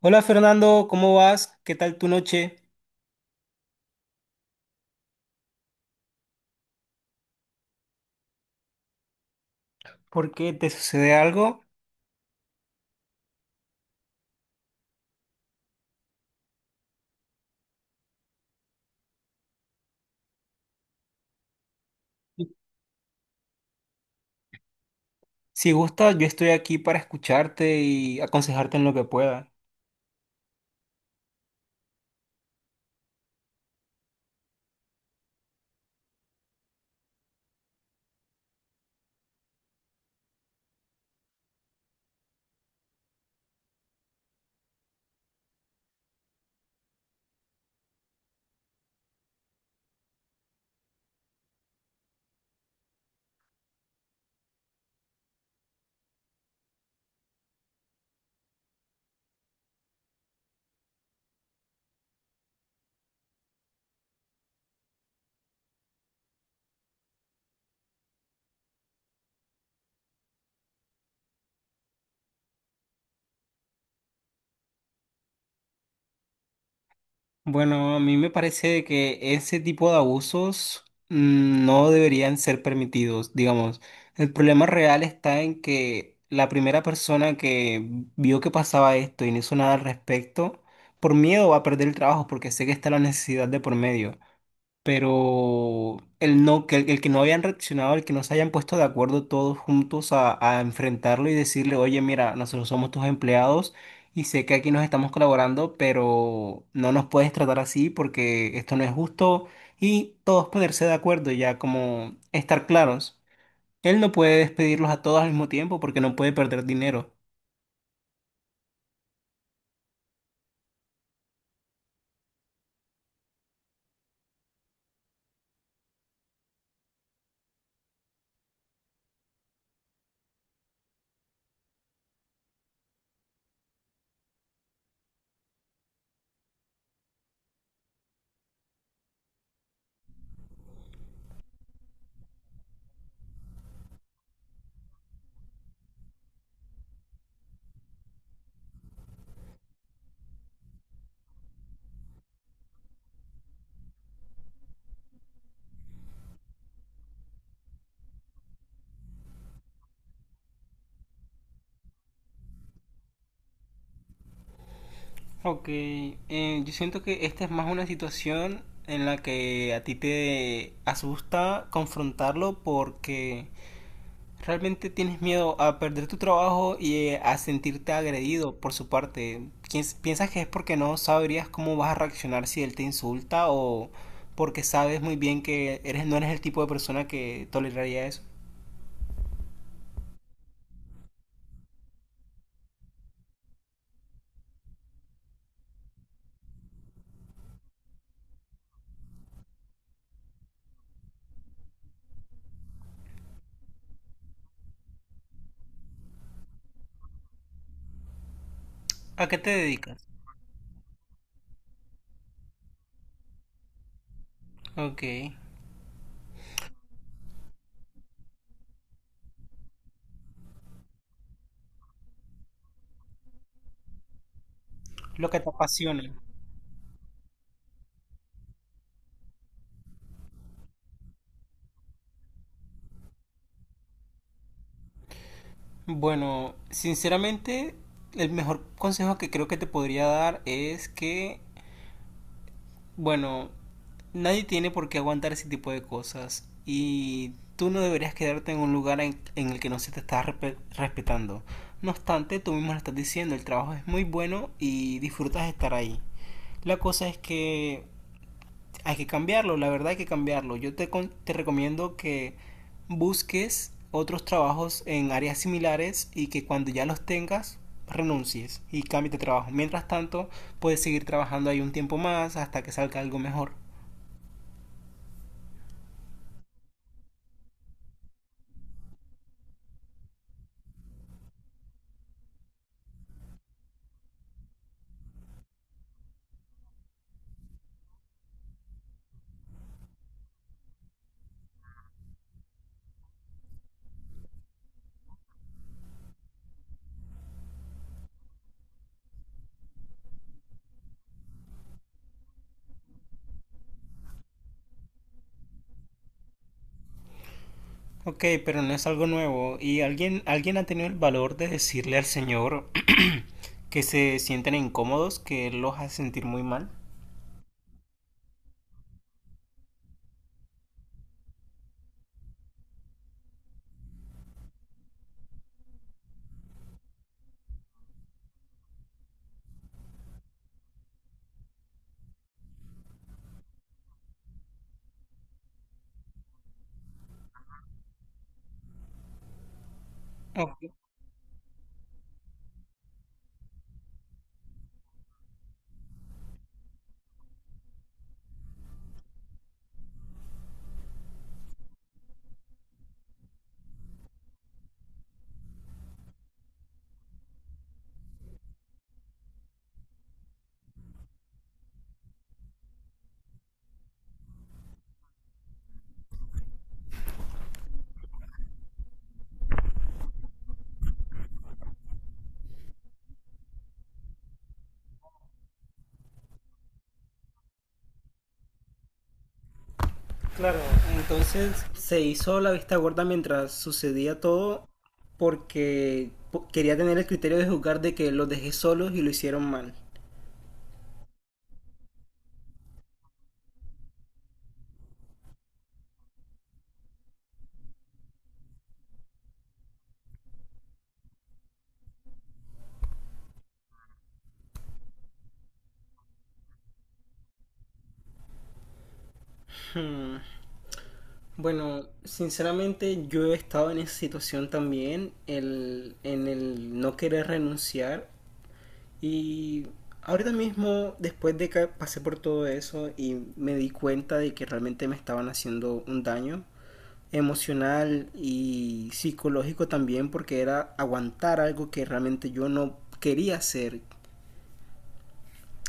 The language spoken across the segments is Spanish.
Hola Fernando, ¿cómo vas? ¿Qué tal tu noche? ¿Por qué te sucede algo? Si gustas, yo estoy aquí para escucharte y aconsejarte en lo que pueda. Bueno, a mí me parece que ese tipo de abusos no deberían ser permitidos, digamos. El problema real está en que la primera persona que vio que pasaba esto y no hizo nada al respecto, por miedo va a perder el trabajo porque sé que está la necesidad de por medio. Pero el no, que el que no habían reaccionado, el que no se hayan puesto de acuerdo todos juntos a enfrentarlo y decirle, oye, mira, nosotros somos tus empleados y sé que aquí nos estamos colaborando, pero no nos puedes tratar así porque esto no es justo y todos ponerse de acuerdo ya como estar claros. Él no puede despedirlos a todos al mismo tiempo porque no puede perder dinero. Ok, yo siento que esta es más una situación en la que a ti te asusta confrontarlo porque realmente tienes miedo a perder tu trabajo y a sentirte agredido por su parte. ¿Piensas que es porque no sabrías cómo vas a reaccionar si él te insulta o porque sabes muy bien que eres, no eres el tipo de persona que toleraría eso? ¿A qué te dedicas? Ok, lo que te apasiona. Bueno, sinceramente, el mejor consejo que creo que te podría dar es que, bueno, nadie tiene por qué aguantar ese tipo de cosas y tú no deberías quedarte en un lugar en el que no se te está respetando. No obstante, tú mismo lo estás diciendo, el trabajo es muy bueno y disfrutas estar ahí. La cosa es que hay que cambiarlo, la verdad hay que cambiarlo. Yo te recomiendo que busques otros trabajos en áreas similares y que cuando ya los tengas renuncies y cambies de trabajo. Mientras tanto, puedes seguir trabajando ahí un tiempo más hasta que salga algo mejor. Ok, pero no es algo nuevo. ¿Y alguien ha tenido el valor de decirle al señor que se sienten incómodos, que él los hace sentir muy mal? Ok. Claro. Entonces se hizo la vista gorda mientras sucedía todo porque quería tener el criterio de juzgar de que los dejé solos y lo hicieron mal. Hmm. Bueno, sinceramente yo he estado en esa situación también, en el no querer renunciar y ahorita mismo, después de que pasé por todo eso y me di cuenta de que realmente me estaban haciendo un daño, emocional y psicológico también porque era aguantar algo que realmente yo no quería hacer.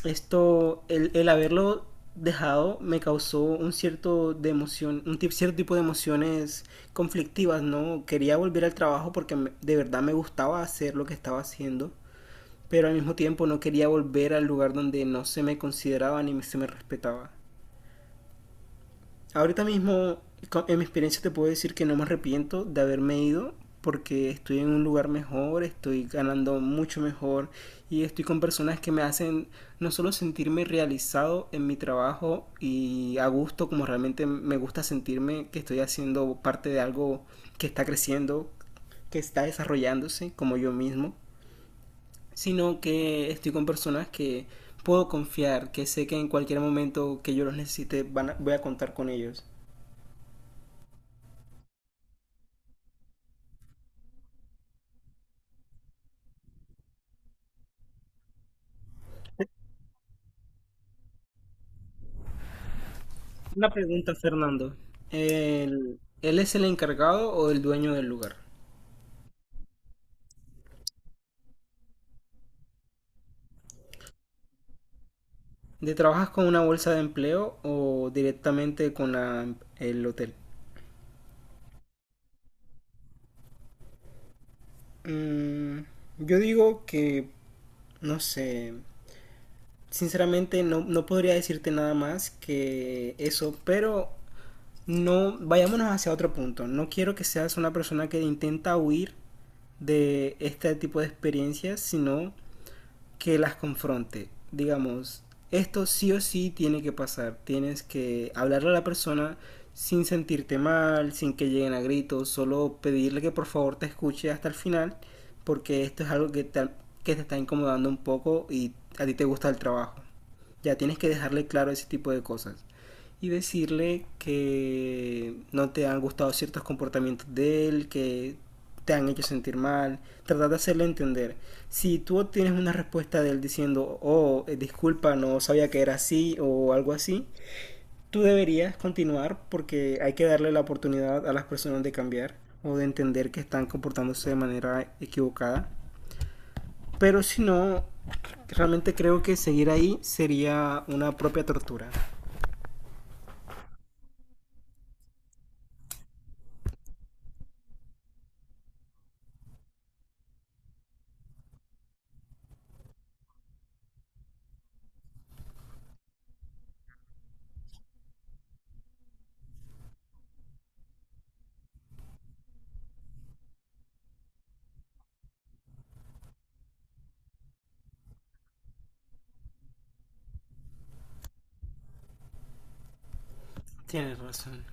Esto, el haberlo dejado me causó un cierto de emoción, un cierto tipo de emociones conflictivas, ¿no? Quería volver al trabajo porque de verdad me gustaba hacer lo que estaba haciendo, pero al mismo tiempo no quería volver al lugar donde no se me consideraba ni se me respetaba. Ahorita mismo, en mi experiencia te puedo decir que no me arrepiento de haberme ido porque estoy en un lugar mejor, estoy ganando mucho mejor y estoy con personas que me hacen no solo sentirme realizado en mi trabajo y a gusto como realmente me gusta sentirme que estoy haciendo parte de algo que está creciendo, que está desarrollándose como yo mismo, sino que estoy con personas que puedo confiar, que sé que en cualquier momento que yo los necesite voy a contar con ellos. Una pregunta, Fernando. ¿Él es el encargado o el dueño del lugar? ¿De trabajas con una bolsa de empleo o directamente con el hotel? Mm, yo digo que, no sé, sinceramente no, no podría decirte nada más que eso, pero no, vayámonos hacia otro punto. No quiero que seas una persona que intenta huir de este tipo de experiencias, sino que las confronte. Digamos, esto sí o sí tiene que pasar. Tienes que hablarle a la persona sin sentirte mal, sin que lleguen a gritos, solo pedirle que por favor te escuche hasta el final, porque esto es algo que te está incomodando un poco y a ti te gusta el trabajo. Ya tienes que dejarle claro ese tipo de cosas y decirle que no te han gustado ciertos comportamientos de él, que te han hecho sentir mal, tratar de hacerle entender. Si tú obtienes una respuesta de él diciendo, oh, disculpa, no sabía que era así o algo así, tú deberías continuar porque hay que darle la oportunidad a las personas de cambiar o de entender que están comportándose de manera equivocada. Pero si no, realmente creo que seguir ahí sería una propia tortura. Tienes razón.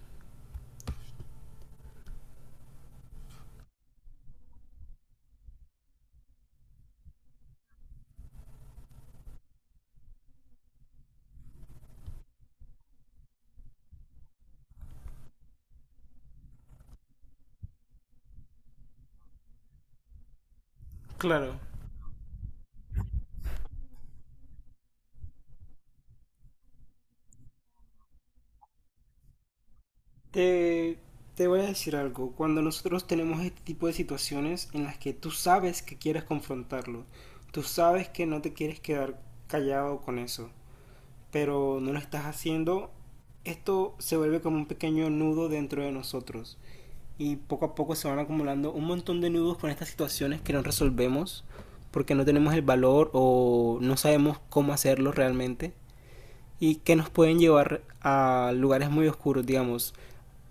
Claro. Te, te voy a decir algo. Cuando nosotros tenemos este tipo de situaciones en las que tú sabes que quieres confrontarlo, tú sabes que no te quieres quedar callado con eso, pero no lo estás haciendo, esto se vuelve como un pequeño nudo dentro de nosotros. Y poco a poco se van acumulando un montón de nudos con estas situaciones que no resolvemos porque no tenemos el valor o no sabemos cómo hacerlo realmente y que nos pueden llevar a lugares muy oscuros, digamos.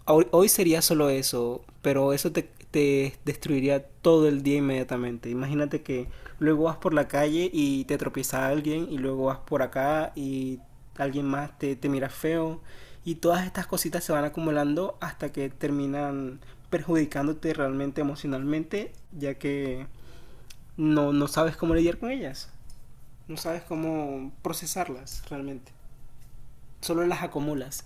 Hoy sería solo eso, pero eso te destruiría todo el día inmediatamente. Imagínate que luego vas por la calle y te tropieza alguien y luego vas por acá y alguien más te mira feo y todas estas cositas se van acumulando hasta que terminan perjudicándote realmente emocionalmente ya que no, no sabes cómo lidiar con ellas, no sabes cómo procesarlas realmente, solo las acumulas.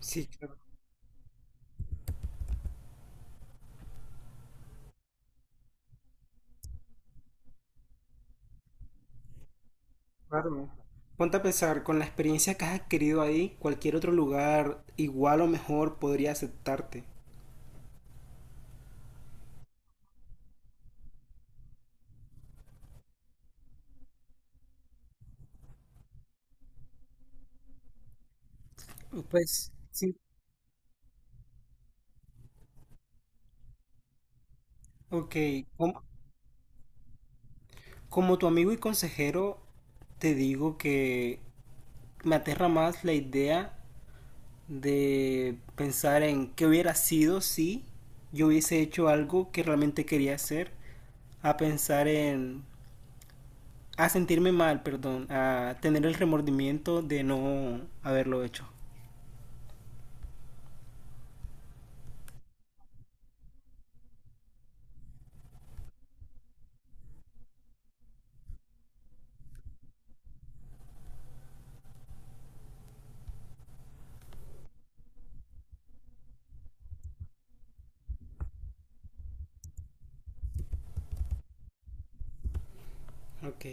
Sí, claro. Claro. Ponte a pensar, con la experiencia que has adquirido ahí, cualquier otro lugar, igual o mejor, podría aceptarte. Pues sí. Ok, como, como tu amigo y consejero, te digo que me aterra más la idea de pensar en qué hubiera sido si yo hubiese hecho algo que realmente quería hacer, a pensar en, a sentirme mal, perdón, a tener el remordimiento de no haberlo hecho. Ok.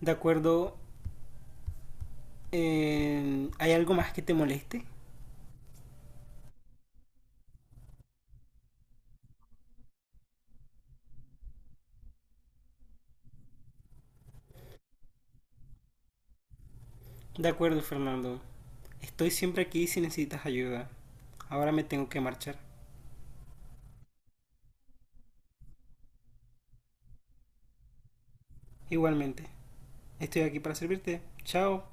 De acuerdo. ¿Hay algo más que te moleste? De acuerdo, Fernando. Estoy siempre aquí si necesitas ayuda. Ahora me tengo que marchar. Igualmente. Estoy aquí para servirte. Chao.